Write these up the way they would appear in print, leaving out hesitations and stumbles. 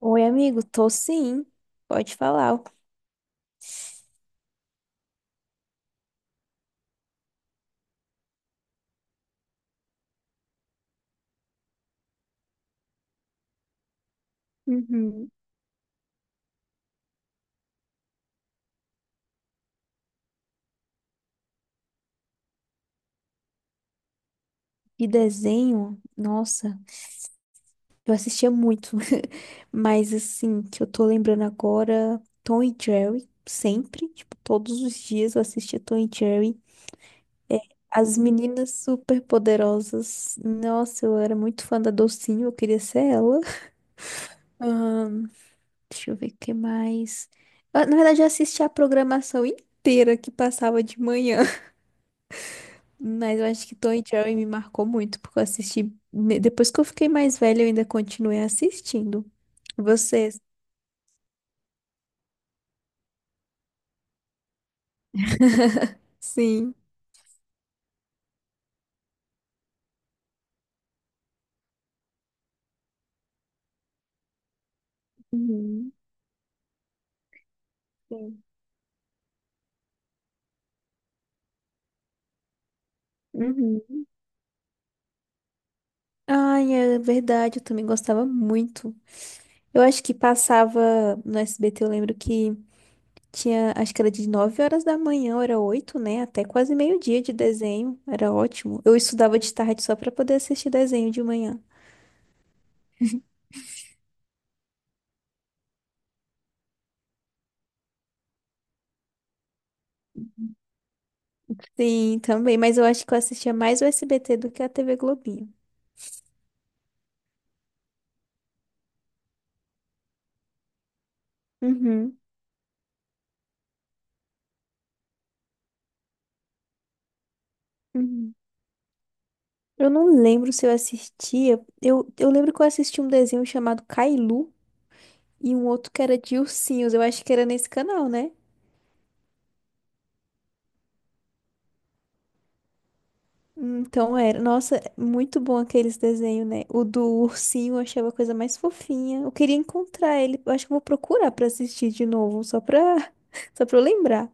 Oi, amigo, tô sim. Pode falar. Uhum. De desenho, nossa, eu assistia muito. Mas assim, que eu tô lembrando agora, Tom e Jerry, sempre, tipo, todos os dias eu assistia Tom e Jerry. As meninas super poderosas. Nossa, eu era muito fã da Docinho, eu queria ser ela. Ahn, Deixa eu ver o que mais. Na verdade, eu assistia a programação inteira que passava de manhã. Mas eu acho que Tom e Jerry me marcou muito, porque eu assisti. Depois que eu fiquei mais velha, eu ainda continuei assistindo. Vocês? Sim. Uhum. Sim. Uhum. Ai, é verdade, eu também gostava muito. Eu acho que passava no SBT, eu lembro que tinha, acho que era de 9 horas da manhã, ou era oito, né? Até quase meio-dia de desenho, era ótimo. Eu estudava de tarde só pra poder assistir desenho de manhã. Sim, também, mas eu acho que eu assistia mais o SBT do que a TV Globinho. Uhum. Uhum. Eu não lembro se eu assistia. Eu lembro que eu assisti um desenho chamado Cailu e um outro que era de ursinhos. Eu acho que era nesse canal, né? Então era. Nossa, muito bom aqueles desenhos, né? O do ursinho eu achava a coisa mais fofinha. Eu queria encontrar ele. Eu acho que eu vou procurar pra assistir de novo, só pra, só pra eu lembrar.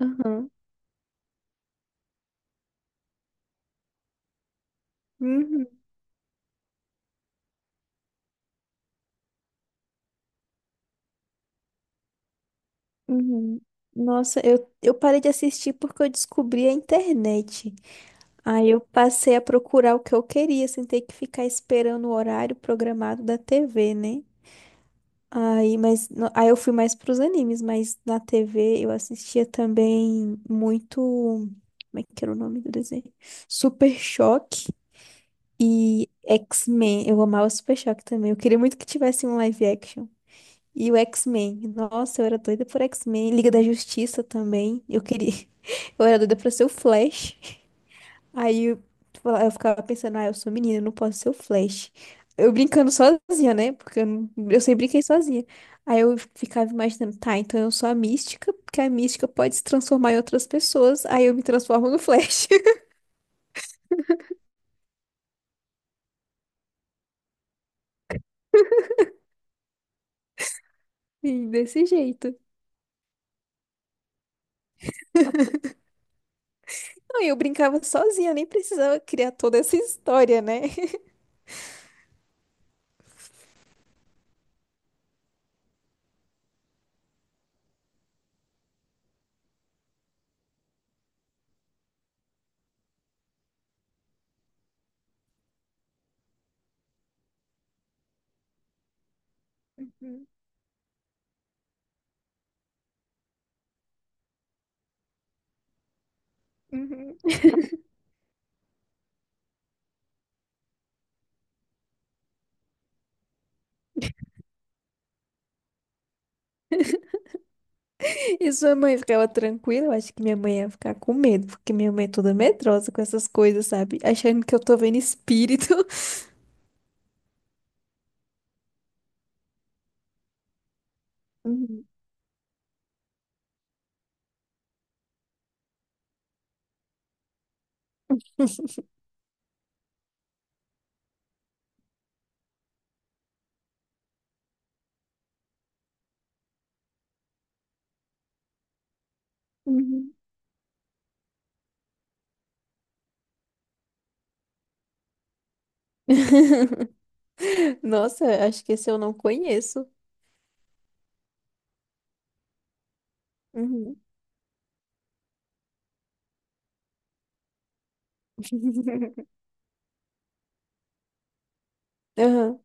Aham. Uhum. Uhum. Nossa, eu parei de assistir porque eu descobri a internet. Aí eu passei a procurar o que eu queria, sem ter que ficar esperando o horário programado da TV, né? Aí, mas, no- aí eu fui mais pros animes, mas na TV eu assistia também muito. Como é que era o nome do desenho? Super Choque e X-Men. Eu amava Super Choque também. Eu queria muito que tivesse um live action. E o X-Men. Nossa, eu era doida por X-Men. Liga da Justiça também. Eu queria. Eu era doida pra ser o Flash. Aí eu, eu ficava pensando, ah, eu sou menina, eu não posso ser o Flash. Eu brincando sozinha, né? Porque eu, não- Eu sempre brinquei sozinha. Aí eu ficava imaginando, tá, então eu sou a mística, porque a mística pode se transformar em outras pessoas, aí eu me transformo no Flash. Sim, desse jeito. Não, e eu brincava sozinha, nem precisava criar toda essa história, né? Uhum, uhum. E sua mãe ficava tranquila? Eu acho que minha mãe ia ficar com medo, porque minha mãe é toda medrosa com essas coisas, sabe? Achando que eu tô vendo espírito. Uhum, uhum. Nossa, acho que esse eu não conheço. Uhum. Aham.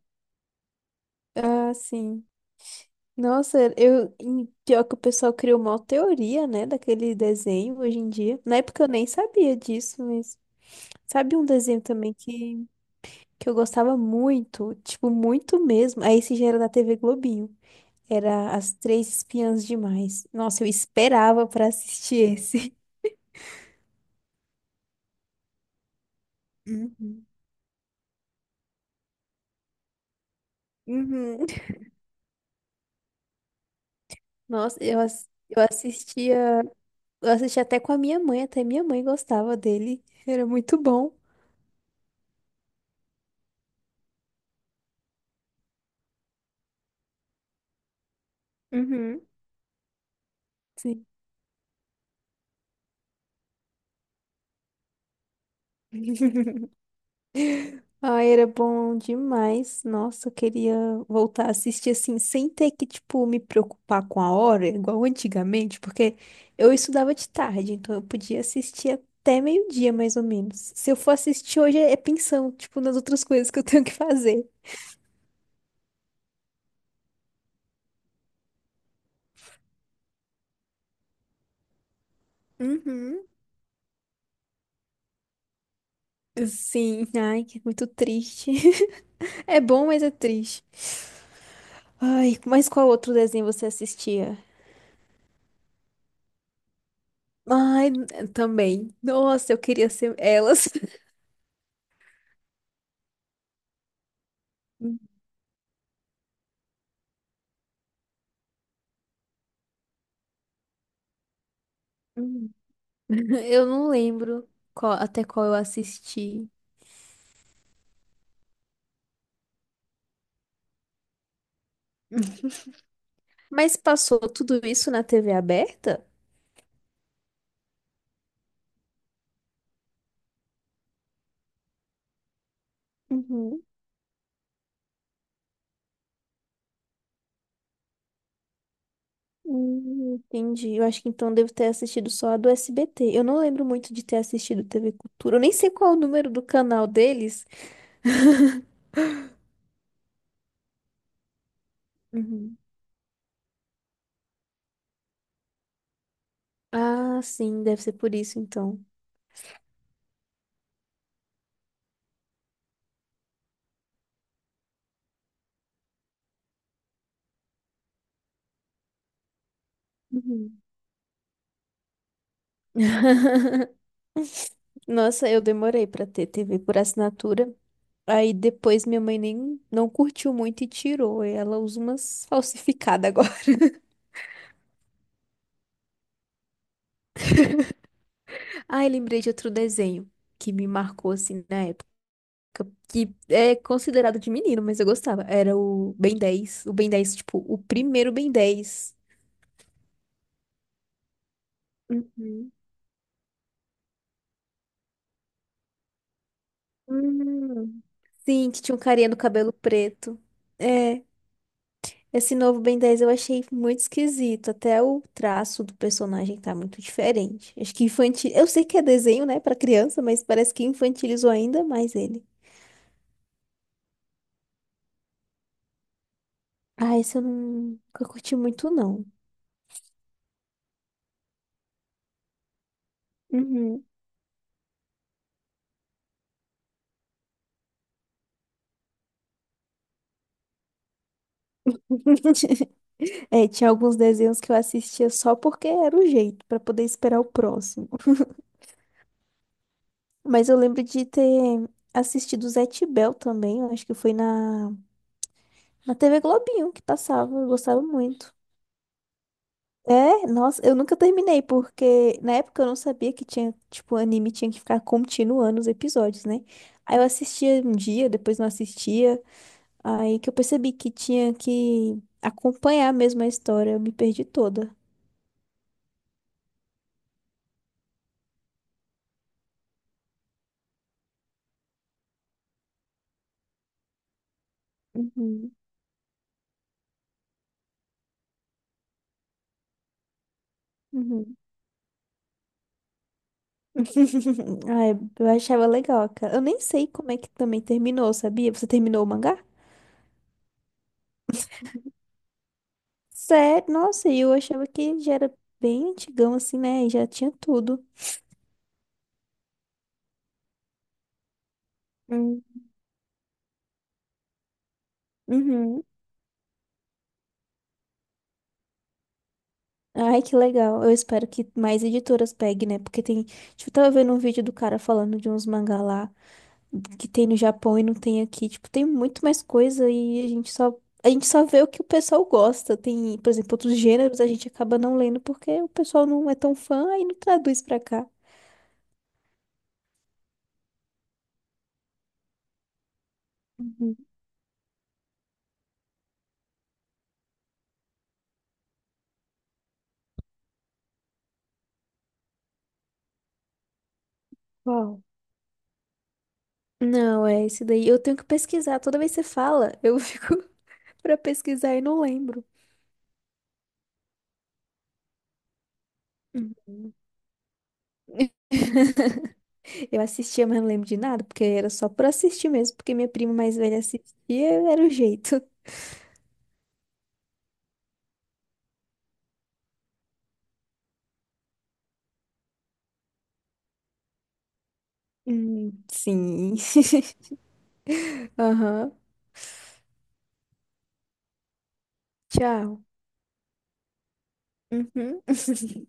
Ah, sim. Nossa, eu, e pior que o pessoal criou uma teoria, né, daquele desenho hoje em dia. Na época eu nem sabia disso, mas sabe um desenho também que eu gostava muito, tipo, muito mesmo. Aí esse já era da TV Globinho. Era As Três Espiãs Demais. Nossa, eu esperava pra assistir esse. Uhum. Uhum. Eu assistia, eu assistia até com a minha mãe, até minha mãe gostava dele. Era muito bom. Uhum. Sim. Ai, era bom demais. Nossa, eu queria voltar a assistir assim, sem ter que, tipo, me preocupar com a hora, igual antigamente, porque eu estudava de tarde, então eu podia assistir até meio-dia, mais ou menos. Se eu for assistir hoje, é pensão, tipo, nas outras coisas que eu tenho que fazer. Uhum. Sim, ai, que muito triste. É bom, mas é triste. Ai, mas qual outro desenho você assistia? Ai, também. Nossa, eu queria ser elas. Eu não lembro até qual eu assisti. Mas passou tudo isso na TV aberta? Uhum. Entendi. Eu acho que então devo ter assistido só a do SBT. Eu não lembro muito de ter assistido TV Cultura. Eu nem sei qual é o número do canal deles. Uhum. Ah, sim, deve ser por isso então. Uhum. Nossa, eu demorei pra ter TV por assinatura. Aí depois minha mãe nem não curtiu muito e tirou. E ela usa umas falsificadas agora. Ai, lembrei de outro desenho que me marcou assim na época, que é considerado de menino, mas eu gostava. Era o Ben 10, o Ben 10, tipo, o primeiro Ben 10. Uhum. Hum. Sim, que tinha um carinha no cabelo preto. É, esse novo Ben 10 eu achei muito esquisito. Até o traço do personagem tá muito diferente. Acho que infantil. Eu sei que é desenho, né, pra criança, mas parece que infantilizou ainda mais ele. Ah, esse eu não nunca curti muito, não. Uhum. É, tinha alguns desenhos que eu assistia só porque era o jeito, pra poder esperar o próximo. Mas eu lembro de ter assistido o Zé Tibel também, eu acho que foi na TV Globinho que passava, eu gostava muito. É, nossa, eu nunca terminei, porque na época eu não sabia que tinha, tipo, anime tinha que ficar continuando os episódios, né? Aí eu assistia um dia, depois não assistia, aí que eu percebi que tinha que acompanhar mesmo a história, eu me perdi toda. Uhum, uhum. Ai, eu achava legal, cara. Eu nem sei como é que também terminou, sabia? Você terminou o mangá? Sério? Nossa, e eu achava que já era bem antigão, assim, né? E já tinha tudo. Hum. Uhum. Ai, que legal. Eu espero que mais editoras peguem, né? Porque tem. Tipo, eu tava vendo um vídeo do cara falando de uns mangá lá que tem no Japão e não tem aqui. Tipo, tem muito mais coisa e a gente só vê o que o pessoal gosta. Tem, por exemplo, outros gêneros a gente acaba não lendo porque o pessoal não é tão fã aí não traduz pra cá. Uhum. Uau. Não, é esse daí. Eu tenho que pesquisar. Toda vez que você fala, eu fico pra pesquisar e não lembro. Uhum. Eu assistia, mas não lembro de nada, porque era só por assistir mesmo, porque minha prima mais velha assistia, era o jeito. Sim. Aham. Tchau. Uhum.